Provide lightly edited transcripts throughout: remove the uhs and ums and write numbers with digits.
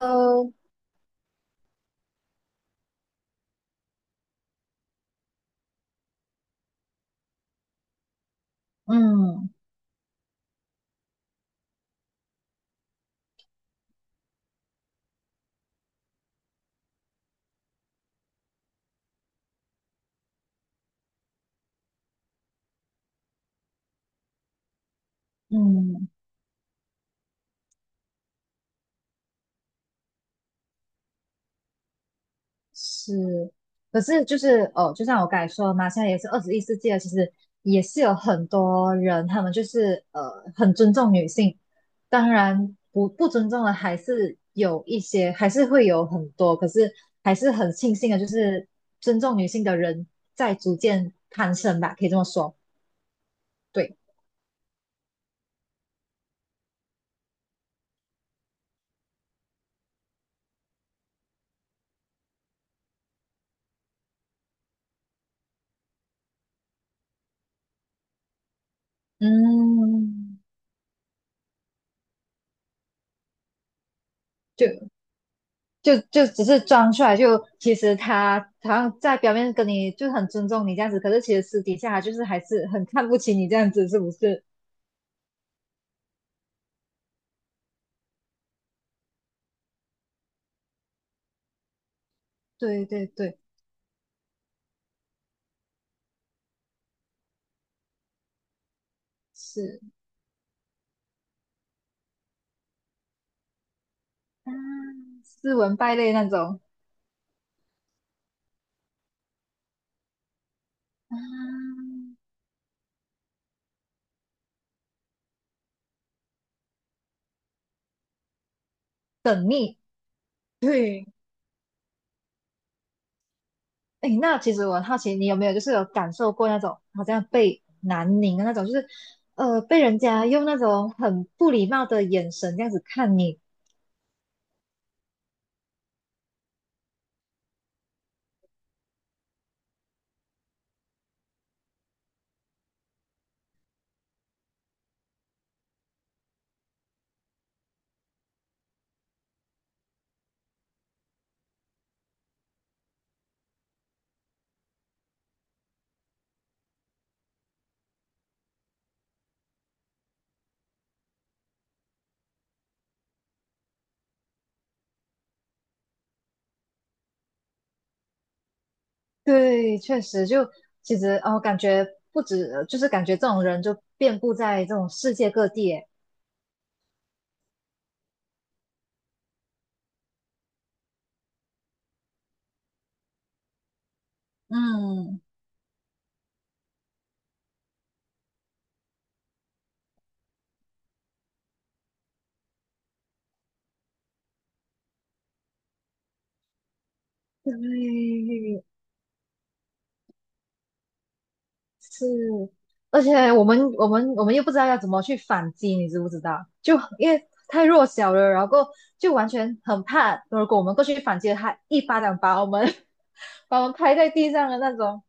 呃，嗯嗯，是，可是就是哦，就像我刚才说的嘛，现在也是21世纪了，其实也是有很多人，他们就是很尊重女性，当然不尊重的还是有一些，还是会有很多，可是还是很庆幸的，就是尊重女性的人在逐渐攀升吧，可以这么说，对，嗯。就。就只是装出来，就其实他好像在表面跟你就很尊重你这样子，可是其实私底下他就是还是很看不起你这样子，是不是？对对对，是啊，斯文败类那种。啊对，哎，那其实我很好奇，你有没有就是有感受过那种好像被南宁的那种，就是被人家用那种很不礼貌的眼神这样子看你，对，确实就其实哦，感觉不止，就是感觉这种人就遍布在这种世界各地耶嗯，对，是，而且我们又不知道要怎么去反击，你知不知道？就因为太弱小了，然后就完全很怕，如果我们过去反击了他，一巴掌把我们 把我们拍在地上的那种。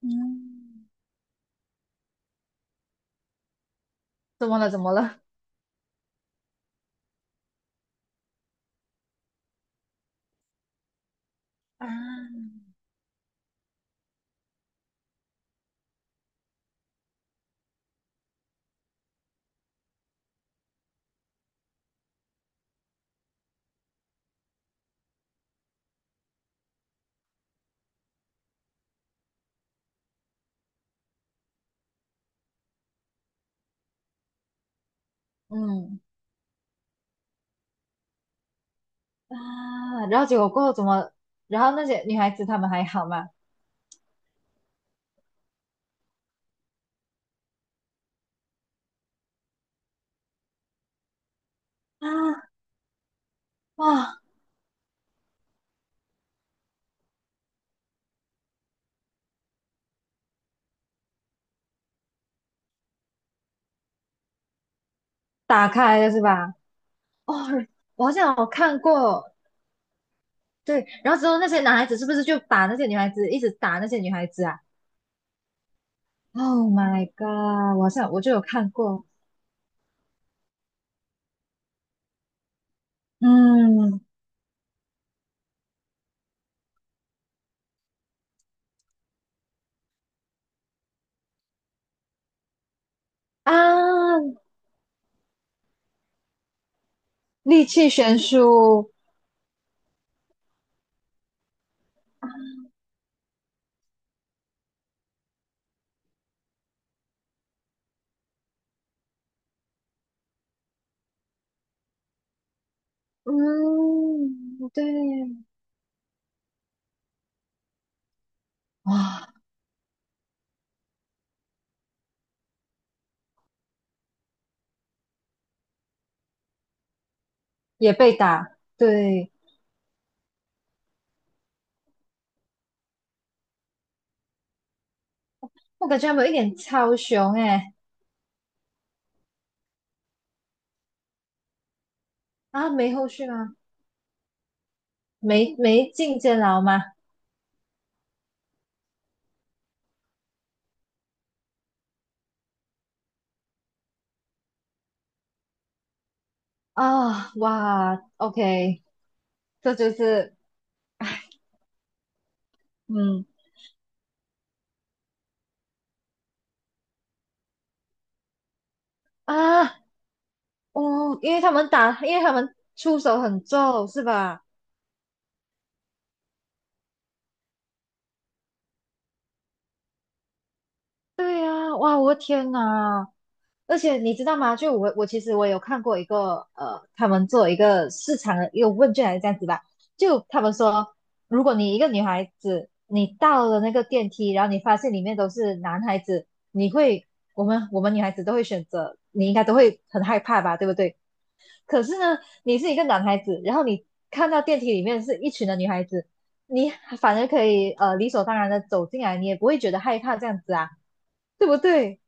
嗯，怎么了？怎么了？啊嗯啊，然后结果过后怎么？然后那些女孩子她们还好吗？啊哇，打开了是吧？哦，我好像有看过，对，然后之后那些男孩子是不是就把那些女孩子一直打那些女孩子啊？Oh my god，我好像我就有看过，嗯啊，力气悬殊，嗯，对，哇，也被打，对，我感觉他们有一点超雄诶，啊，没后续吗？没进监牢吗？啊，哇，OK，这就是嗯。啊，哦，因为他们打，因为他们出手很重，是吧？对呀，哇，我的天呐！而且你知道吗？就我其实我有看过一个，他们做一个市场的一个问卷还是这样子吧，就他们说，如果你一个女孩子，你到了那个电梯，然后你发现里面都是男孩子，你会，我们女孩子都会选择，你应该都会很害怕吧，对不对？可是呢，你是一个男孩子，然后你看到电梯里面是一群的女孩子，你反而可以理所当然的走进来，你也不会觉得害怕这样子啊，对不对？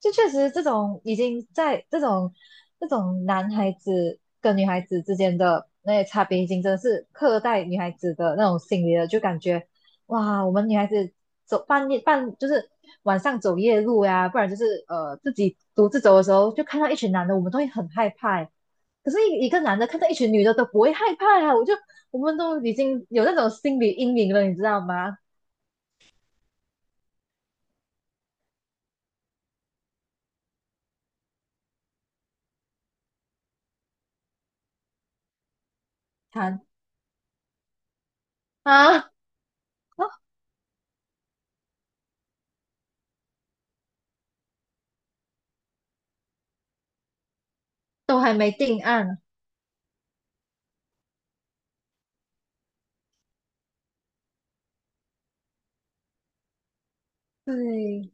就确实这种已经在这种男孩子跟女孩子之间的那些差别，已经真的是刻在女孩子的那种心里了，就感觉哇，我们女孩子走半夜半就是晚上走夜路呀、不然就是自己独自走的时候，就看到一群男的，我们都会很害怕欸。可是一个男的看到一群女的都不会害怕啊，我就我们都已经有那种心理阴影了，你知道吗？看啊，啊都还没定案，对，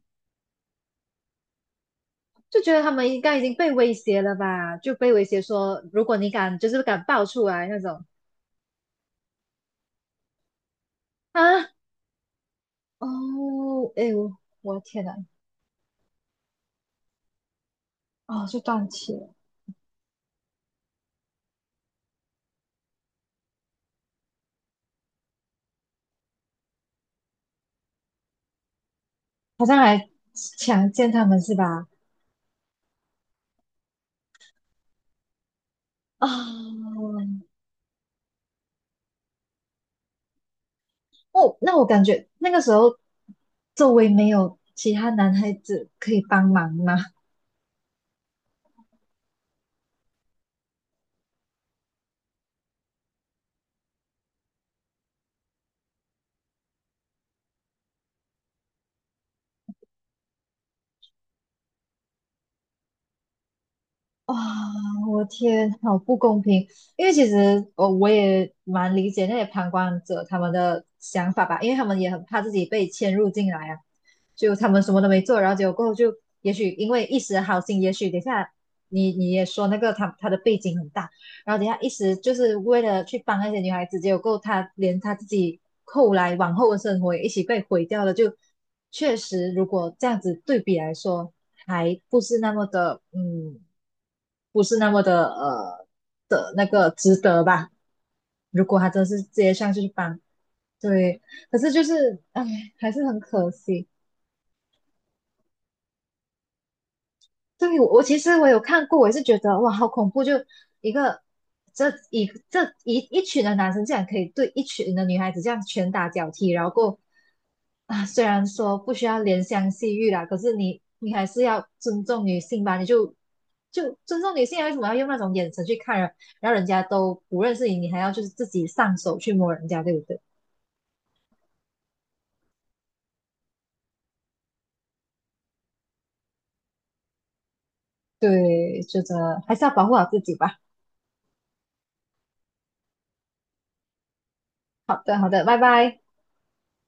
就觉得他们应该已经被威胁了吧？就被威胁说，如果你敢，就是敢爆出来那种啊，哦，哎呦，我的天呐，哦，就断气了，好像还强奸他们是吧？啊、哦，那我感觉那个时候周围没有其他男孩子可以帮忙吗？哇，我天，好不公平！因为其实我也蛮理解那些旁观者他们的想法吧，因为他们也很怕自己被牵入进来啊。就他们什么都没做，然后结果过后就，也许因为一时的好心，也许等下你也说那个他的背景很大，然后等下一时就是为了去帮那些女孩子，结果过后他连他自己后来往后的生活也一起被毁掉了，就确实如果这样子对比来说，还不是那么的。不是那么的的那个值得吧。如果他真是直接上去帮，对，可是就是哎，还是很可惜。对，我其实我有看过，我也是觉得哇，好恐怖！就一个这一群的男生竟然可以对一群的女孩子这样拳打脚踢，然后过啊，虽然说不需要怜香惜玉啦，可是你还是要尊重女性吧？你就尊重女性啊，为什么要用那种眼神去看人？然后人家都不认识你，你还要就是自己上手去摸人家，对不对？对，就觉得还是要保护好自己吧。好的，好的，拜拜。